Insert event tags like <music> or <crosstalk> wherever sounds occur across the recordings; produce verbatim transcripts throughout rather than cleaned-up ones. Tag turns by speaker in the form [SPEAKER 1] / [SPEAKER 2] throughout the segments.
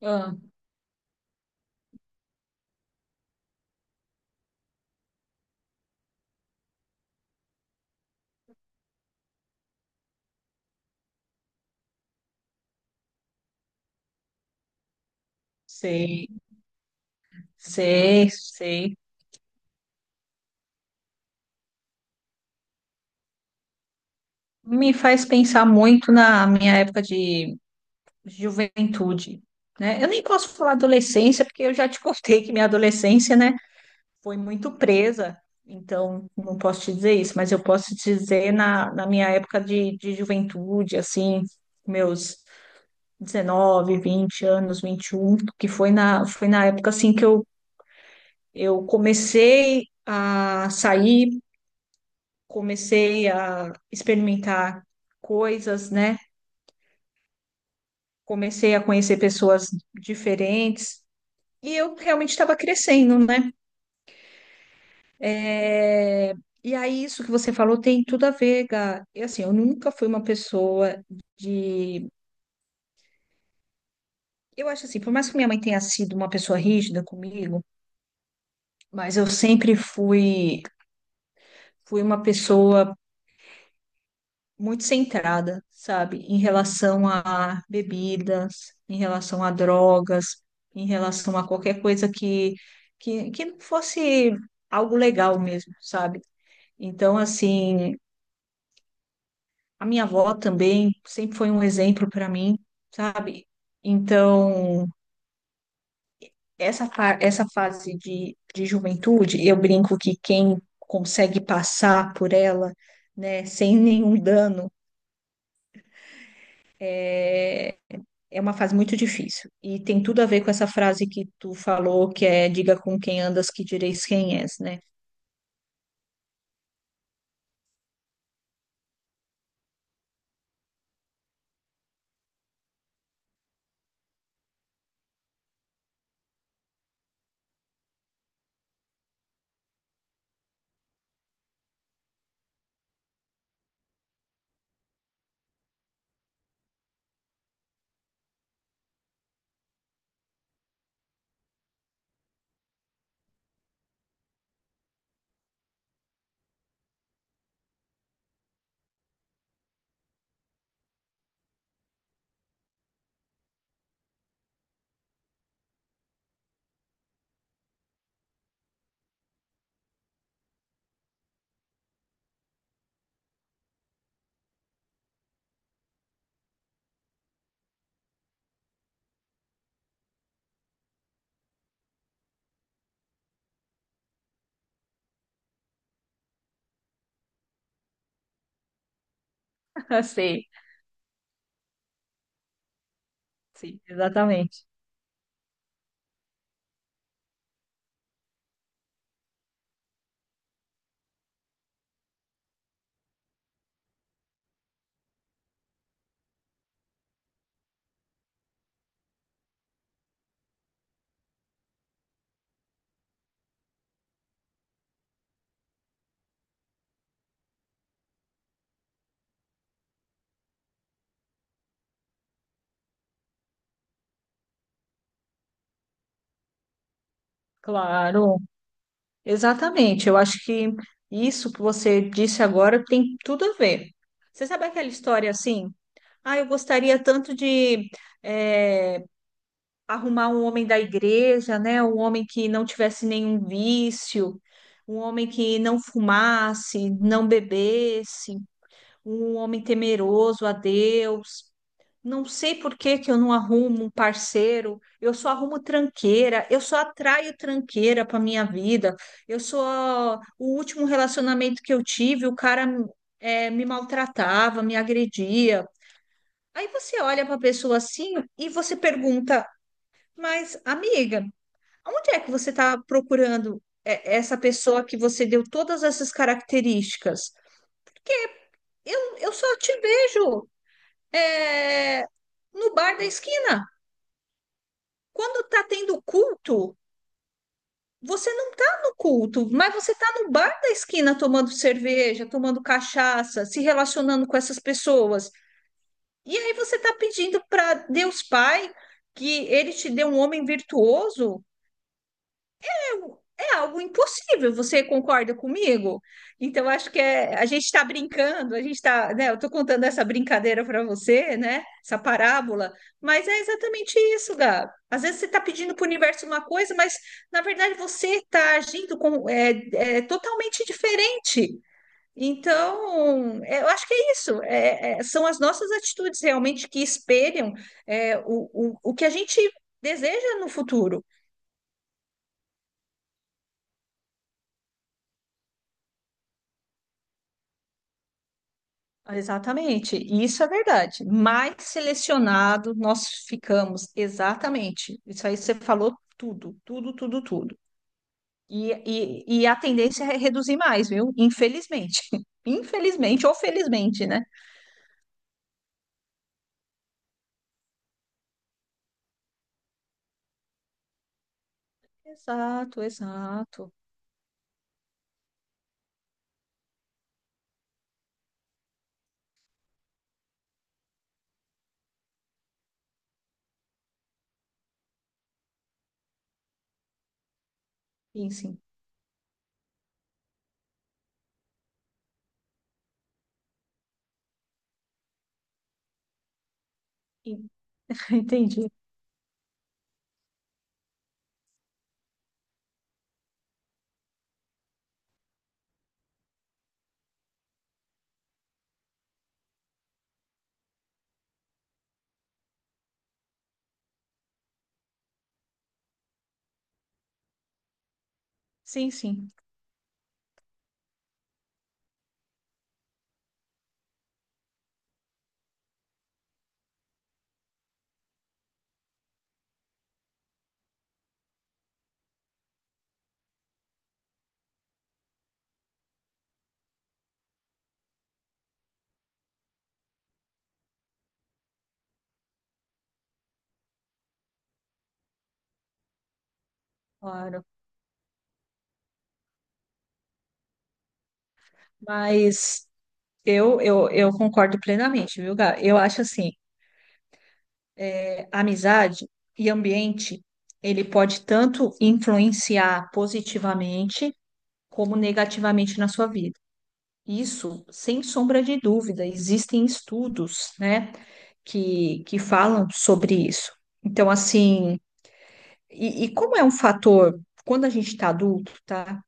[SPEAKER 1] Ah, sei, sei, sei. Me faz pensar muito na minha época de juventude, né? Eu nem posso falar adolescência, porque eu já te <laughs> contei que minha adolescência, né, foi muito presa, então não posso te dizer isso, mas eu posso te dizer na, na minha época de, de juventude, assim, meus dezenove, vinte anos, vinte e um, que foi na, foi na época, assim, que eu, eu comecei a sair, comecei a experimentar coisas, né? Comecei a conhecer pessoas diferentes e eu realmente estava crescendo, né? É, E aí, isso que você falou tem tudo a ver, Gá. E assim, eu nunca fui uma pessoa de. Eu acho assim, por mais que minha mãe tenha sido uma pessoa rígida comigo, mas eu sempre fui, fui uma pessoa muito centrada, sabe, em relação a bebidas, em relação a drogas, em relação a qualquer coisa que, que, que não fosse algo legal mesmo, sabe? Então, assim, a minha avó também sempre foi um exemplo para mim, sabe? Então, essa, fa- essa fase de, de juventude, eu brinco que quem consegue passar por ela, né, sem nenhum dano, é, é uma fase muito difícil. E tem tudo a ver com essa frase que tu falou, que é diga com quem andas que direis quem és, né? <laughs> Sei, sim. Exatamente. Claro. Exatamente. Eu acho que isso que você disse agora tem tudo a ver. Você sabe aquela história assim? Ah, eu gostaria tanto de eh, arrumar um homem da igreja, né? Um homem que não tivesse nenhum vício, um homem que não fumasse, não bebesse, um homem temeroso a Deus. Não sei por que que eu não arrumo um parceiro, eu só arrumo tranqueira, eu só atraio tranqueira para minha vida. Eu sou. O último relacionamento que eu tive, o cara, é, me maltratava, me agredia. Aí você olha para a pessoa assim e você pergunta: Mas, amiga, onde é que você está procurando é, essa pessoa que você deu todas essas características? Porque eu, eu só te vejo, é, no bar da esquina. Quando tá tendo culto, você não tá no culto, mas você tá no bar da esquina tomando cerveja, tomando cachaça, se relacionando com essas pessoas. E aí você tá pedindo para Deus Pai que ele te dê um homem virtuoso, é algo impossível. Você concorda comigo? Então, acho que é, a gente está brincando, a gente está, né? Eu estou contando essa brincadeira para você, né? Essa parábola, mas é exatamente isso, Gab. Às vezes você está pedindo para o universo uma coisa, mas na verdade você está agindo com, é, é totalmente diferente. Então, é, eu acho que é isso. É, é, são as nossas atitudes realmente que espelham é, o, o, o que a gente deseja no futuro. Exatamente, isso é verdade. Mais selecionado nós ficamos, exatamente. Isso aí você falou tudo, tudo, tudo, tudo. E, e, e a tendência é reduzir mais, viu? Infelizmente. <laughs> Infelizmente ou felizmente, né? Exato, exato. Sim, sim. En- <laughs> Entendi. Sim, sim, claro. Mas eu, eu, eu concordo plenamente, viu, Gá? Eu acho assim, amizade e ambiente, ele pode tanto influenciar positivamente como negativamente na sua vida. Isso, sem sombra de dúvida, existem estudos, né, que, que falam sobre isso. Então, assim, e, e como é um fator, quando a gente está adulto, tá?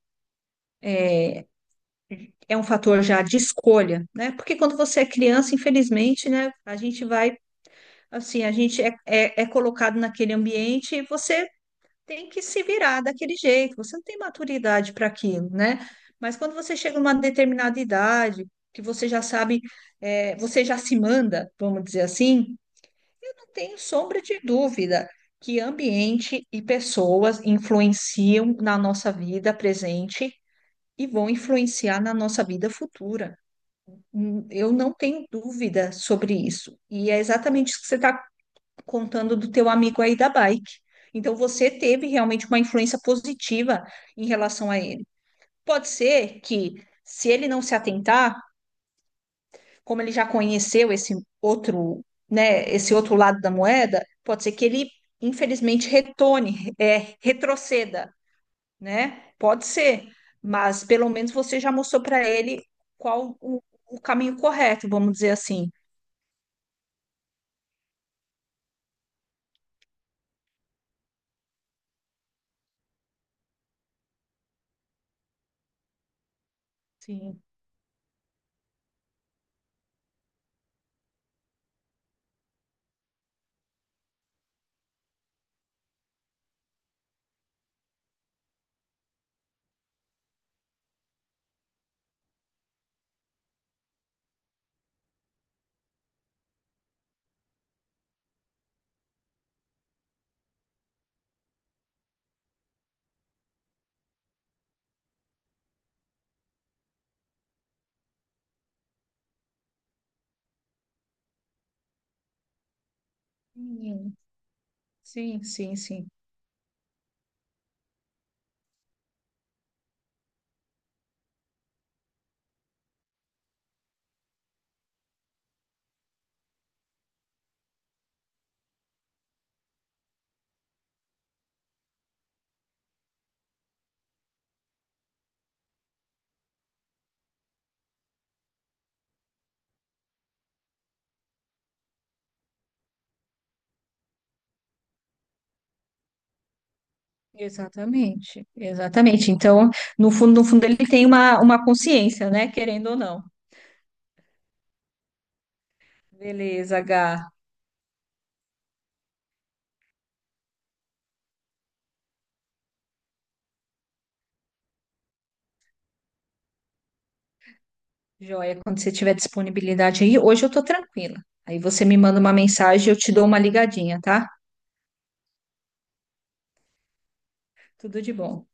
[SPEAKER 1] É um fator já de escolha, né? Porque quando você é criança, infelizmente, né, a gente vai, assim, a gente é, é, é colocado naquele ambiente e você tem que se virar daquele jeito, você não tem maturidade para aquilo, né? Mas quando você chega numa determinada idade, que você já sabe, é, você já se manda, vamos dizer assim, eu não tenho sombra de dúvida que ambiente e pessoas influenciam na nossa vida presente e vão influenciar na nossa vida futura. Hum, Eu não tenho dúvida sobre isso. E é exatamente isso que você está contando do teu amigo aí da bike. Então você teve realmente uma influência positiva em relação a ele. Pode ser que, se ele não se atentar, como ele já conheceu esse outro, né, esse outro lado da moeda, pode ser que ele infelizmente retorne, é, retroceda, né? Pode ser, mas pelo menos você já mostrou para ele qual o, o caminho correto, vamos dizer assim. Sim, sim, sim, sim, sim. Exatamente, exatamente. Então, no fundo, no fundo, ele tem uma, uma, consciência, né? Querendo ou não. Beleza, Gá. Joia, quando você tiver disponibilidade aí, hoje eu tô tranquila. Aí você me manda uma mensagem, eu te dou uma ligadinha, tá? Tudo de bom.